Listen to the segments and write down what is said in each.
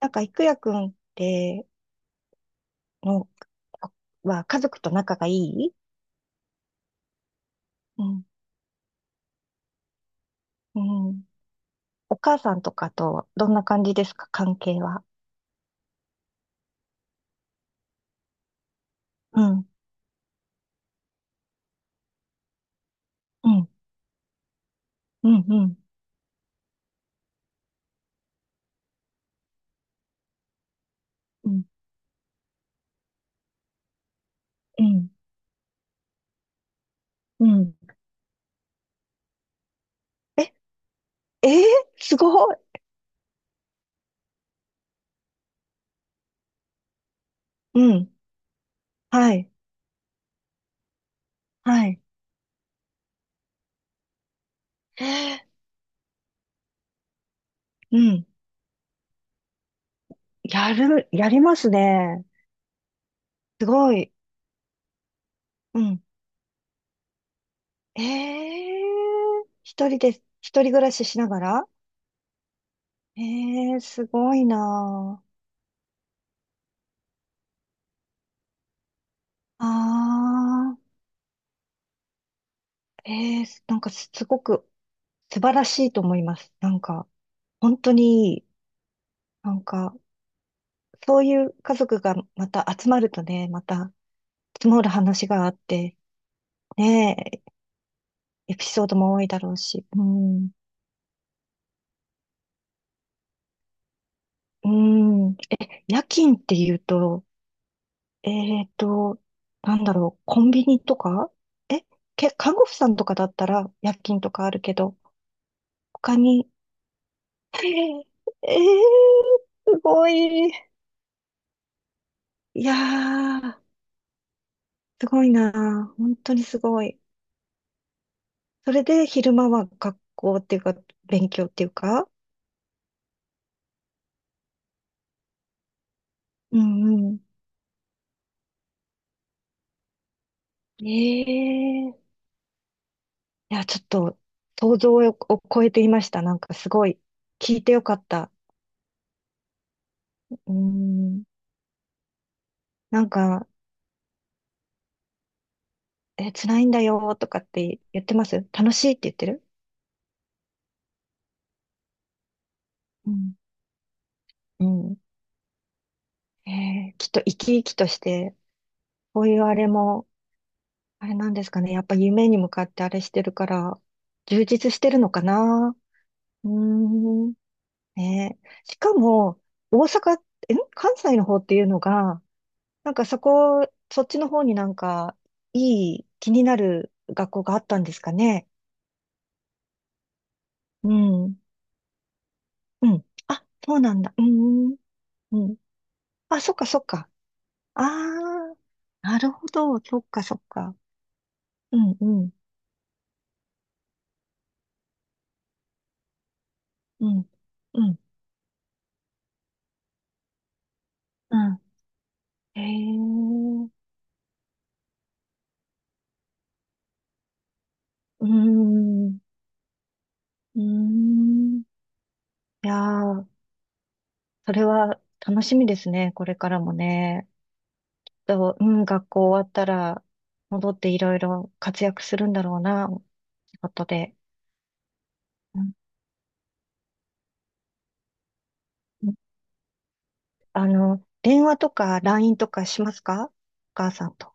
いくやくんって、の、は、家族と仲がいい。うん。うん。お母さんとかと、どんな感じですか、関係は？うん。うん。うん。うん。うん。うん。うん。え、えーすごい。うん。はい。はい。うん。やりますね。すごい。うん。えー一人で、人暮らししながら。ええーすごいなあ。あ、ええ、すごく素晴らしいと思います。なんか、本当にいい、なんか、そういう家族がまた集まるとね、また積もる話があって、ね。え、エピソードも多いだろうし、うん、うん、え、夜勤っていうと、えっと、なんだろう、コンビニとか、え、看護婦さんとかだったら夜勤とかあるけど、他に。えー、えーすごい。いやー。すごいなぁ。本当にすごい。それで昼間は学校っていうか、勉強っていうか。うんうん。ええ、いや、ちょっと想像を超えていました。なんかすごい、聞いてよかった。うん。なんか、え、辛いんだよとかって言ってます？楽しいって言ってる？うん。うん。えー、きっと生き生きとして、こういうあれも、あれなんですかね。やっぱ夢に向かってあれしてるから、充実してるのかな。うーん。ねえ。しかも、大阪、え、関西の方っていうのが、そっちの方になんか、いい、気になる学校があったんですかね。うん。うん。あ、そうなんだ。うん。うん。あ、そっか。ああ、なるほど。そっか。うん、うん、うん、うん、うん。へえ。うーん。うーん。いやー、それは楽しみですね。これからもね。と、うん、学校終わったら、戻っていろいろ活躍するんだろうな、仕事で。うん、あの、電話とか LINE とかしますか、お母さんと。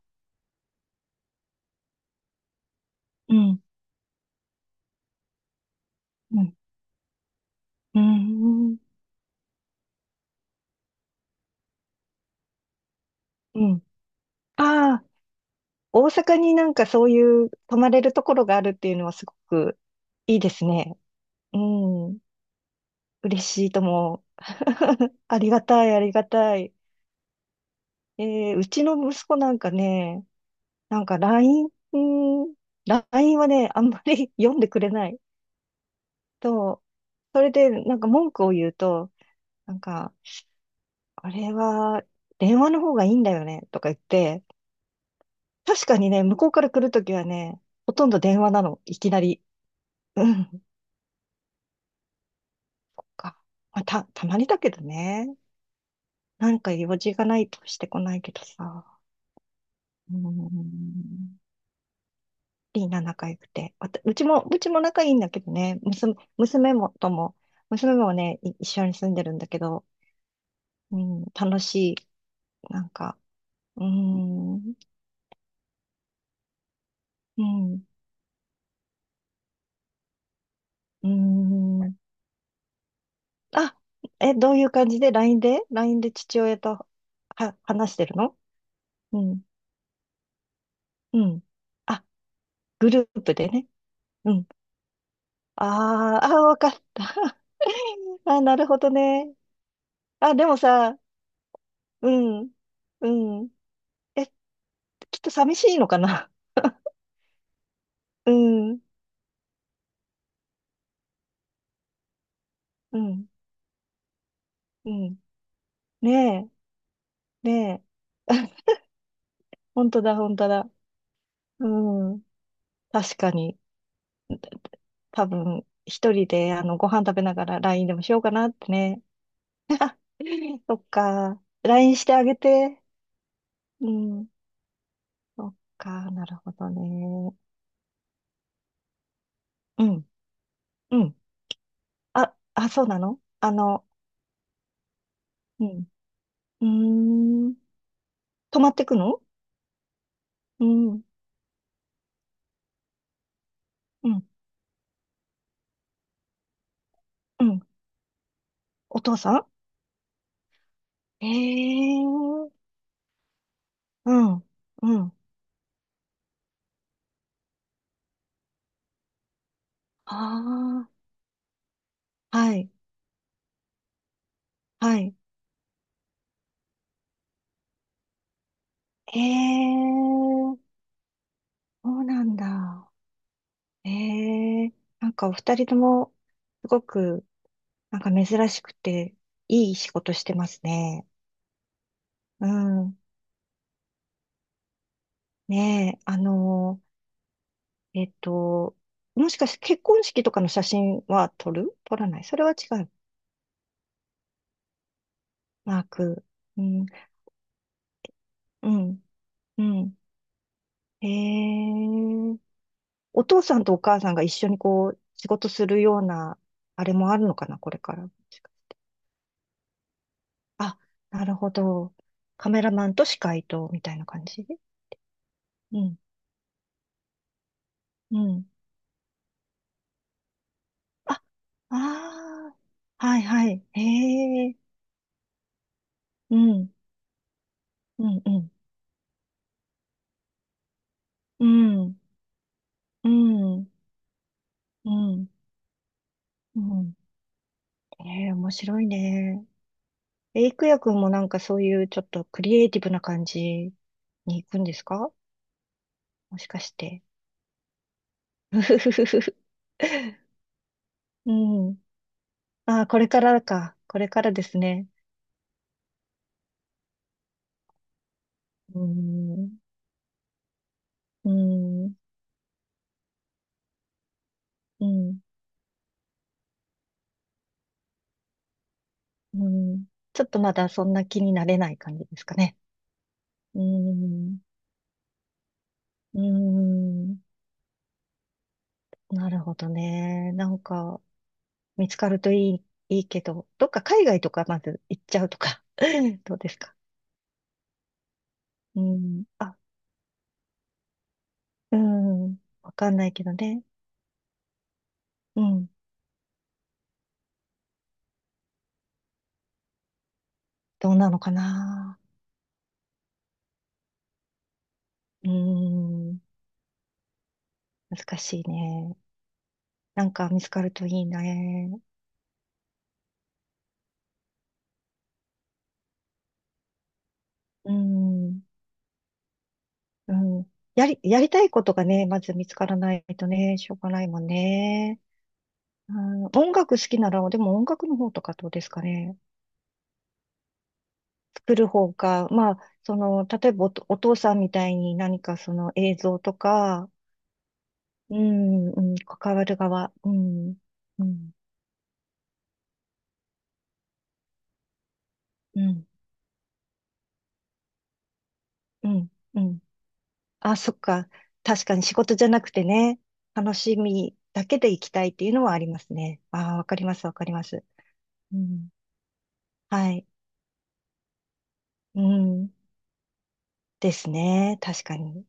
うん、うん、うん、うん。ああ、大阪になんかそういう泊まれるところがあるっていうのはすごくいいですね。うん、嬉しいとも。ありがたい。えーうちの息子なんかね、なんかラインうん、ラインはね、あんまり 読んでくれないと、それでなんか文句を言うと、なんか、あれは電話の方がいいんだよねとか言って、確かにね、向こうから来るときはね、ほとんど電話なの、いきなり。うん。か、まあ、たまにだけどね。なんか用事がないとしてこないけどさ。うん。リーナ仲良くて。わたうちも、うちも仲いいんだけどね、娘もね、一緒に住んでるんだけど、うん、楽しい。なんか、うーん、うん、うーん。あ、え、どういう感じで？ LINE で？ LINE で父親とは話してるの？うん、うん。あ、グループでね。うん。あーあー、わかった。あ、なるほどね。あ、でもさ、うん、うん。え、きっと寂しいのかな？ うん、うん、うん。ねえ、ねえ。本当だ。うん。確かに、多分、一人で、あの、ご飯食べながら LINE でもしようかなってね。そっか。LINE してあげて。うん。そっか、なるほどね。うん、うん。あ、あ、そうなの、あの、うん。うーん。泊まってくの？うん、うん、うん。お父さん、ええー、うん、うん。ああ。はい、はい。ええー、そうなんだ。ええー、なんかお二人とも、すごく、なんか珍しくて、いい仕事してますね。うん。ねえ、あのー、えっと、もしかして結婚式とかの写真は撮る？撮らない？それは違う。マーク。うん、うん、うん。ええー、お父さんとお母さんが一緒にこう、仕事するような、あれもあるのかな、これから。あ、なるほど。カメラマンと司会と、みたいな感じ？うん、うん。あ、ああ、はいはい。へえ、うん、うん、うん、うん、うん、うん、うん。ええ、面白いね。え、郁也くんもなんかそういうちょっとクリエイティブな感じに行くんですか、もしかして。うふふふふ。うん。ああ、これからか。これからですね。うん、うん、うん。うん、ちょっとまだそんな気になれない感じですかね。うん、うん、なるほどね。なんか、見つかるといい、いいけど、どっか海外とかまず行っちゃうとか、どうですか？うん、あ、うん、わかんないけどね。うん、どうなのかな。うん、難しいね。なんか見つかるといいね。うん、うん。やりたいことがね、まず見つからないとね、しょうがないもんね。うん、音楽好きなら、でも音楽の方とかどうですかね。作る方か、まあ、その、例えばお父さんみたいに何かその映像とか、うん、うん、関わる側、うん、うん、うん、うん、うん。あ、そっか。確かに仕事じゃなくてね、楽しみだけで行きたいっていうのはありますね。ああ、わかります。うん、はい、うん、ですね。確かに。